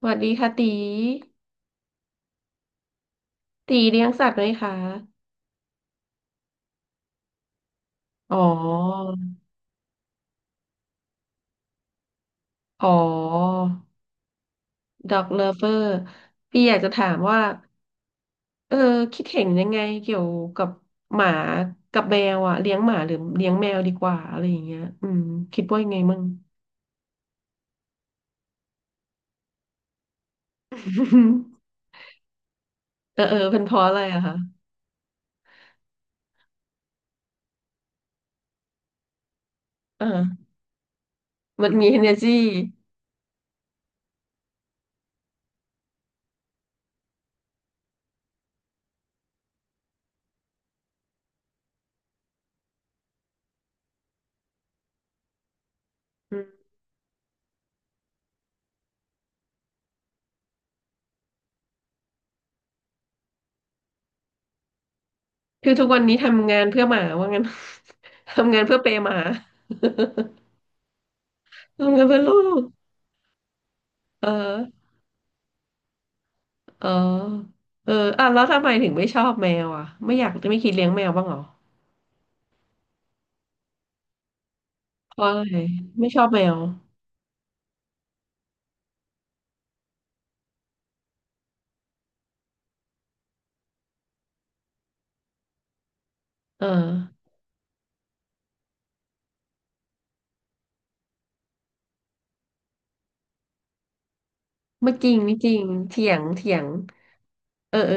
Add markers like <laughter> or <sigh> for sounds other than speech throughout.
สวัสดีค่ะตีตีเลี้ยงสัตว์ไหมคะอ๋ออ๋อด็อกเลิฟเวอร์พี่อยากจะถามว่าเออคิดเห็นยังไงเกี่ยวกับหมากับแมวอะเลี้ยงหมาหรือเลี้ยงแมวดีกว่าอะไรอย่างเงี้ยคิดว่ายังไงมั่ง <laughs> เออเออเป็นเพราะอะไรอะคะอ่ามันมี energy อืมคือทุกวันนี้ทำงานเพื่อหมาว่างั้น <laughs> ทำงานเพื่อเปย์หมา <laughs> ทำงานเพื่อลูกเออ เออเอออ่ะแล้วทำไมถึงไม่ชอบแมวอ่ะ ไม่อยากจะไม่คิดเลี้ยงแมวบ้างเหรอเพราะอะไรไม่ชอบแมว เออ ไม่จริงไม่จริงเถียงเถียงเออ เออ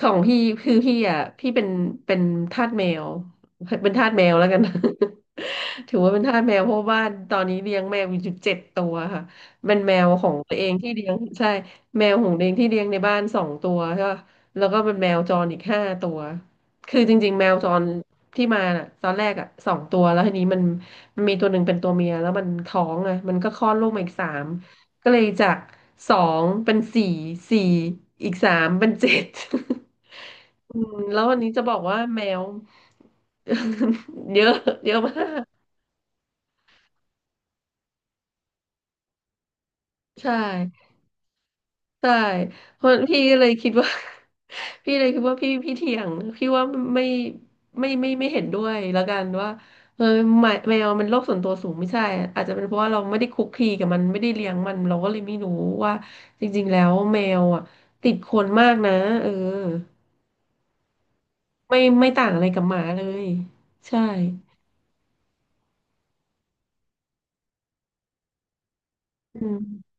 ของพี่คือพี่อ่ะพี่เป็นทาสแมวเป็นทาสแมวแล้วกัน <laughs> ถือว่าเป็นทาสแมวเพราะว่าตอนนี้เลี้ยงแมวอยู่เจ็ดตัวค่ะเป็นแมวของตัวเองที่เลี้ยงใช่แมวของตัวเองที่เลี้ยงในบ้านสองตัวใช่ปะแล้วก็เป็นแมวจรอีกห้าตัวคือจริงๆแมวจรที่มาน่ะตอนแรกอ่ะสองตัวแล้วทีนี้มันมีตัวหนึ่งเป็นตัวเมียแล้วมันท้องอ่ะมันก็คลอดลูกมาอีกสาม ก็เลยจากสองเป็นสี่สี่อีกสามเป็นเจ็ด <laughs> อืมแล้ววันนี้จะบอกว่าแมว <laughs> เยอะเยอะมากใช่ใช่เพราะพี่ก็เลยคิดว่า <laughs> พี่เลยคิดว่าพี่เถียงพี่ว่าไม่ไม่เห็นด้วยแล้วกันว่าเออแมวมันโรคส่วนตัวสูงไม่ใช่อาจจะเป็นเพราะว่าเราไม่ได้คุกคีกับมันไม่ได้เลี้ยงมันเราก็เลยไม่รู้ว่าจริงๆแล้วแมวอ่ะติดคนมากนะเออ ไม่ต่างอะไรกับหมาเลยใช่อืม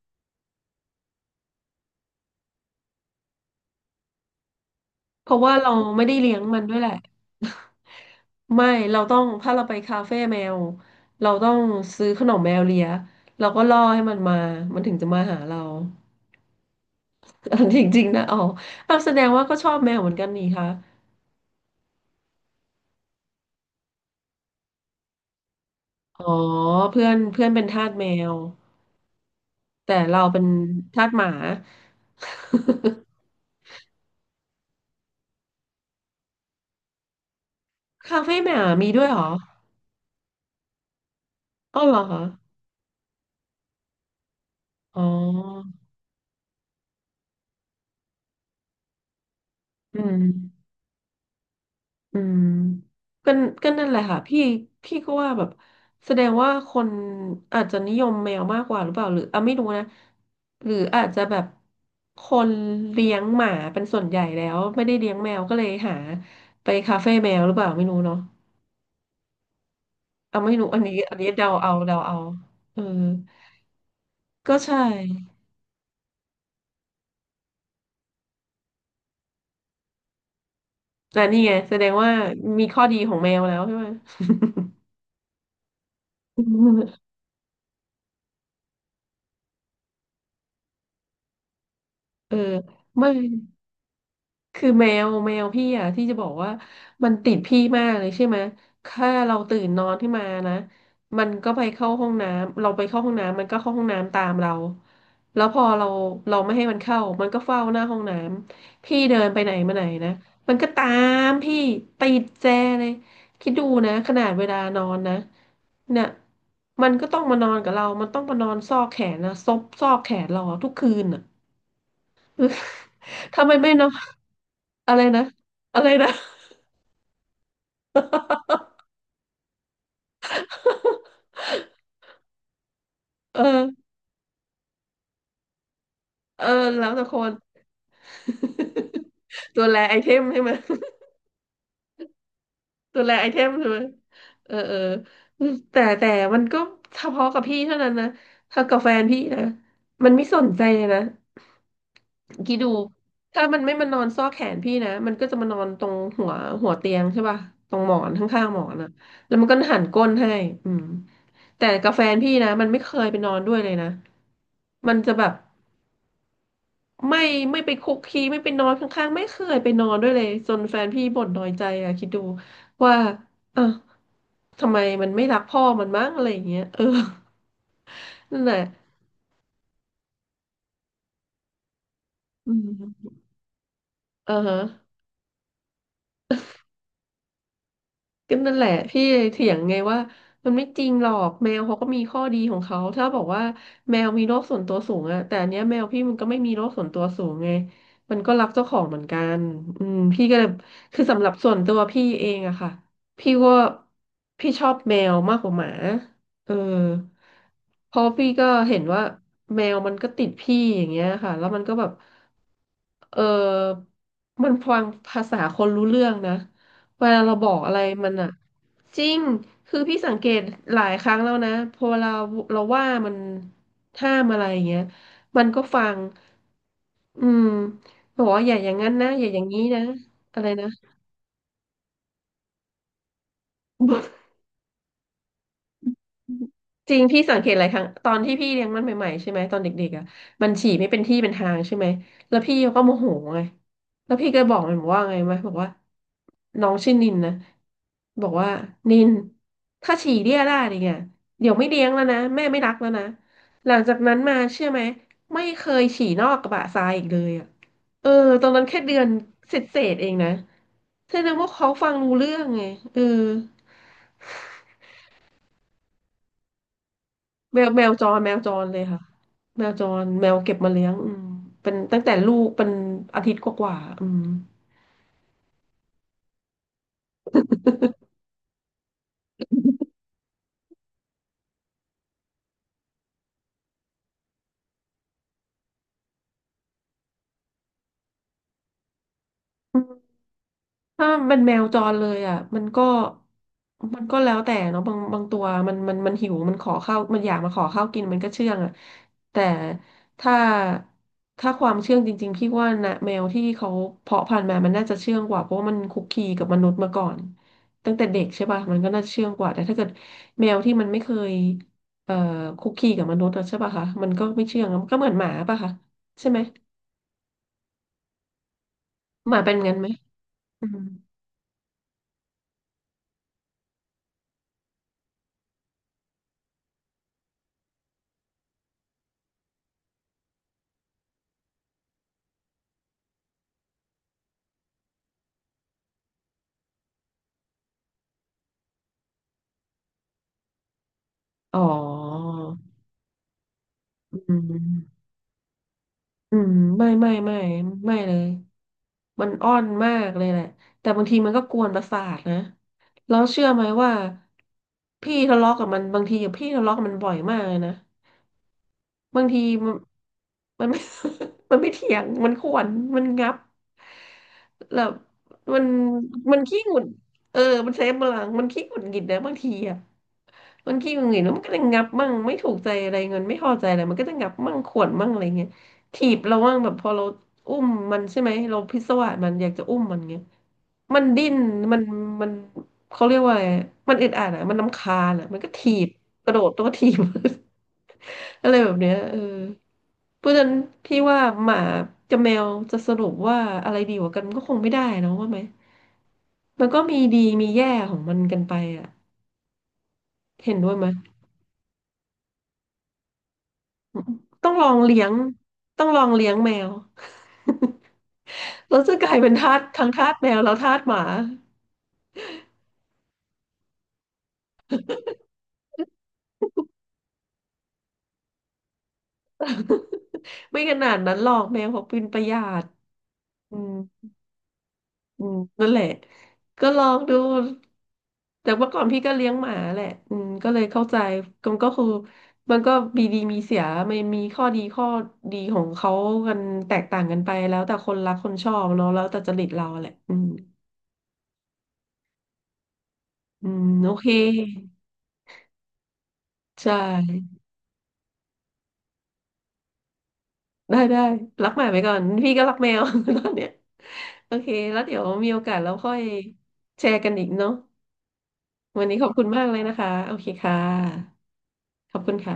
เพราะว่าเราไม่ได้เลี้ยงมันด้วยแหละ <laughs> ไม่เราต้องถ้าเราไปคาเฟ่แมวเราต้องซื้อขนมแมวเลียเราก็ล่อให้มันมามันถึงจะมาหาเรา <laughs> จริงๆนะอ๋อเอาวแสดงว่าก็ชอบแมวเหมือนกันนี่คะอ๋อเพื่อนเพื่อนเป็นทาสแมวแต่เราเป็นทาสหมา <laughs> คาเฟ่แมวมีด้วยเหรออ๋อเหรอคะอ๋ออืม อืมก็ก็นั่นแหละค่ะพี่พี่ก็ว่าแบบแสดงว่าคนอาจจะนิยมแมวมากกว่าหรือเปล่าหรืออ่ะไม่รู้นะหรืออาจจะแบบคนเลี้ยงหมาเป็นส่วนใหญ่แล้วไม่ได้เลี้ยงแมวก็เลยหาไปคาเฟ่แมวหรือเปล่าไม่รู้เนาะอ่ะไม่รู้อันนี้อันนี้เดาเอาเดาเอาเออก็ใช่แต่นี่ไงแสดงว่ามีข้อดีของแมวแล้วใช่ไหม <laughs> เออไม่ คือแมวพี่อ่ะที่จะบอกว่ามันติดพี่มากเลยใช่ไหมถ้าเราตื่นนอนขึ้นมานะมันก็ไปเข้าห้องน้ำเราไปเข้าห้องน้ำมันก็เข้าห้องน้ำตามเราแล้วพอเราไม่ให้มันเข้ามันก็เฝ้าหน้าห้องน้ำพี่เดินไปไหนมาไหนนะมันก็ตามพี่ติดแจเลยคิดดูนะขนาดเวลานอนนะเนี่ยมันก็ต้องมานอนกับเรามันต้องมานอนซอกแขนนะซบซอกแขนเราทุกคืนอ่ะ <laughs> ถ้ามันไม่นอนอะไรนะอะไรนะ <laughs> เออเออแล้วแต่คน <laughs> ตัวแลไอเทมใช่ไหม <laughs> ตัวแลไอเทมใช่ไหมเออเออแต่มันก็เฉพาะกับพี่เท่านั้นนะถ้ากับแฟนพี่นะมันไม่สนใจเลยนะคิดดูถ้ามันไม่มานอนซอกแขนพี่นะ มันก็จะมานอนตรงหัวหัวเตียงใช่ป่ะตรงหมอนข้างๆหมอนอ่ะแล้วมันก็หันก้นให้อืมแต่กับแฟนพี่นะมันไม่เคยไปนอนด้วยเลยนะ มันจะแบบ ไม่ไม่ไปคุกคีไม่ไปนอนข้างๆไม่เคยไปนอนด้วยเลยจนแฟนพี่บ่นน้อยใจอะคิดดูว่าอ่ะทำไมมันไม่รักพ่อมันมั้งอะไรอย่างเงี้ยเออนั่นแหละอืมเออฮะ ก็นั่นแหละพี่เลยเถียงไงว่ามันไม่จริงหรอกแมวเขาก็มีข้อดีของเขาถ้าบอกว่าแมวมีโรคส่วนตัวสูงอะแต่อันเนี้ยแมวพี่มันก็ไม่มีโรคส่วนตัวสูงไงมันก็รักเจ้าของเหมือนกันอืมพี่ก็เลยคือสำหรับส่วนตัวพี่เองอะค่ะพี่ว่าพี่ชอบแมวมากกว่าหมาเออเพราะพี่ก็เห็นว่าแมวมันก็ติดพี่อย่างเงี้ยค่ะแล้วมันก็แบบเออมันฟังภาษาคนรู้เรื่องนะ เวลาเราบอกอะไรมันอะจริงคือพี่สังเกตหลายครั้งแล้วนะพอเราว่ามันห้ามอะไรอย่างเงี้ยมันก็ฟังอืมบอกว่าอย่าอย่างนั้นนะอย่าอย่างนี้นะอะไรนะ จริงพี่สังเกตหลายครั้งตอนที่พี่เลี้ยงมันใหม่ๆใช่ไหมตอนเด็กๆอ่ะมันฉี่ไม่เป็นที่เป็นทางใช่ไหมแล้วพี่ก็โมโหไงแล้วพี่ก็บอกมันบอกว่าไงไหมบอกว่าน้องชื่อนินนะบอกว่านินถ้าฉี่เรี่ยได้เนี่ยเดี๋ยวไม่เลี้ยงแล้วนะแม่ไม่รักแล้วนะหลังจากนั้นมาเชื่อไหมไม่เคยฉี่นอกกระบะทรายอีกเลยอ่ะเออตอนนั้นแค่เดือนเศษๆเองนะแสดงว่าเขาฟังรู้เรื่องไงเออ แมวแมวจรเลยค่ะแมวจรแมวเก็บมาเลี้ยงอืมเป็นตั้งแต่ลูกเป็นอาทิตย์กว่าๆอืม ถ้าเป็นแมวจรเลยอ่ะมันก็แล้วแต่เนาะบางตัวมันหิวมันขอข้าวมันอยากมาขอข้าวกินมันก็เชื่องอ่ะแต่ถ้าความเชื่องจริงๆพี่ว่านะแมวที่เขาเพาะพันธุ์มามันน่าจะเชื่องกว่าเพราะว่ามันคุกคีกับมนุษย์มาก่อนตั้งแต่เด็กใช่ป่ะมันก็น่าจะเชื่องกว่าแต่ถ้าเกิดแมวที่มันไม่เคยเอ่อคุกคีกับมนุษย์อะใช่ป่ะคะมันก็ไม่เชื่องอะมันก็เหมือนหมาป่ะคะใช่ไหมหมาเป็นงั้นไหมอืมอ๋ออืม อืมไม่ไม่เลยมันอ้อนมากเลยแหละแต่บางทีมันก็กวนประสาทนะแล้วเชื่อไหมว่าพี่ทะเลาะกับมันบางทีอะพี่ทะเลาะกับมันบ่อยมากเลยนะบางทีมันมันไม <laughs> มันไม่เถียงมันข่วนมันงับแล้วมันมันขี้หงุดเออมันใช้พลังมันขี้หงุดหงิดนะบางทีอ่ะ บางทีมังเห็นแล้วมันก็จะงับมั่งไม่ถูกใจอะไรเงินไม่พอใจอะไรมันก็จะงับมั่งขวนมั่งอะไรเงี้ยถีบเรามั่งแบบพอเราอุ้มมันใช่ไหมเราพิศวาสมันอยากจะอุ้มมันเงี้ยมันดิ้นมันมันเขาเรียกว่าอะไรมันอึดอัดอ่ะมันรำคาญอ่ะมันก็ถีบกระโดดตัวถีบ <laughs> อะไรแบบเนี้ยเออเพราะฉะนั้นพี่ว่าหมากับแมวจะสรุปว่าอะไรดีกว่ากันมันก็คงไม่ได้เนอะว่าไหมมันก็มีดีมีแย่ของมันกันไปอ่ะเห็นด้วยไหม ต้องลองเลี้ยงต้องลองเลี้ยงแมว <laughs> แล้วจะกลายเป็นทาสทั้งทาสแมวแล้วทาสหมา <laughs> ไม่ขนาดนั้นหรอกแมวเขาเป็นประหยัดอืมอืมนั่นแหละก็ลองดูแต่เมื่อก่อนพี่ก็เลี้ยงหมาแหละอืมก็เลยเข้าใจมันก็คือมันก็มีดีมีเสียมันมีข้อดีของเขากันแตกต่างกันไปแล้วแต่คนรักคนชอบเนาะแล้วแต่จริตเราแหละอืมอืมโอเคใช่ ได้ได้รักหมาไปก่อนพี่ก็รักแมว <laughs> ตอนเนี้ยโอเคแล้วเดี๋ยวมีโอกาสเราค่อยแชร์กันอีกเนาะวันนี้ขอบคุณมากเลยนะคะโอเคค่ะขอบคุณค่ะ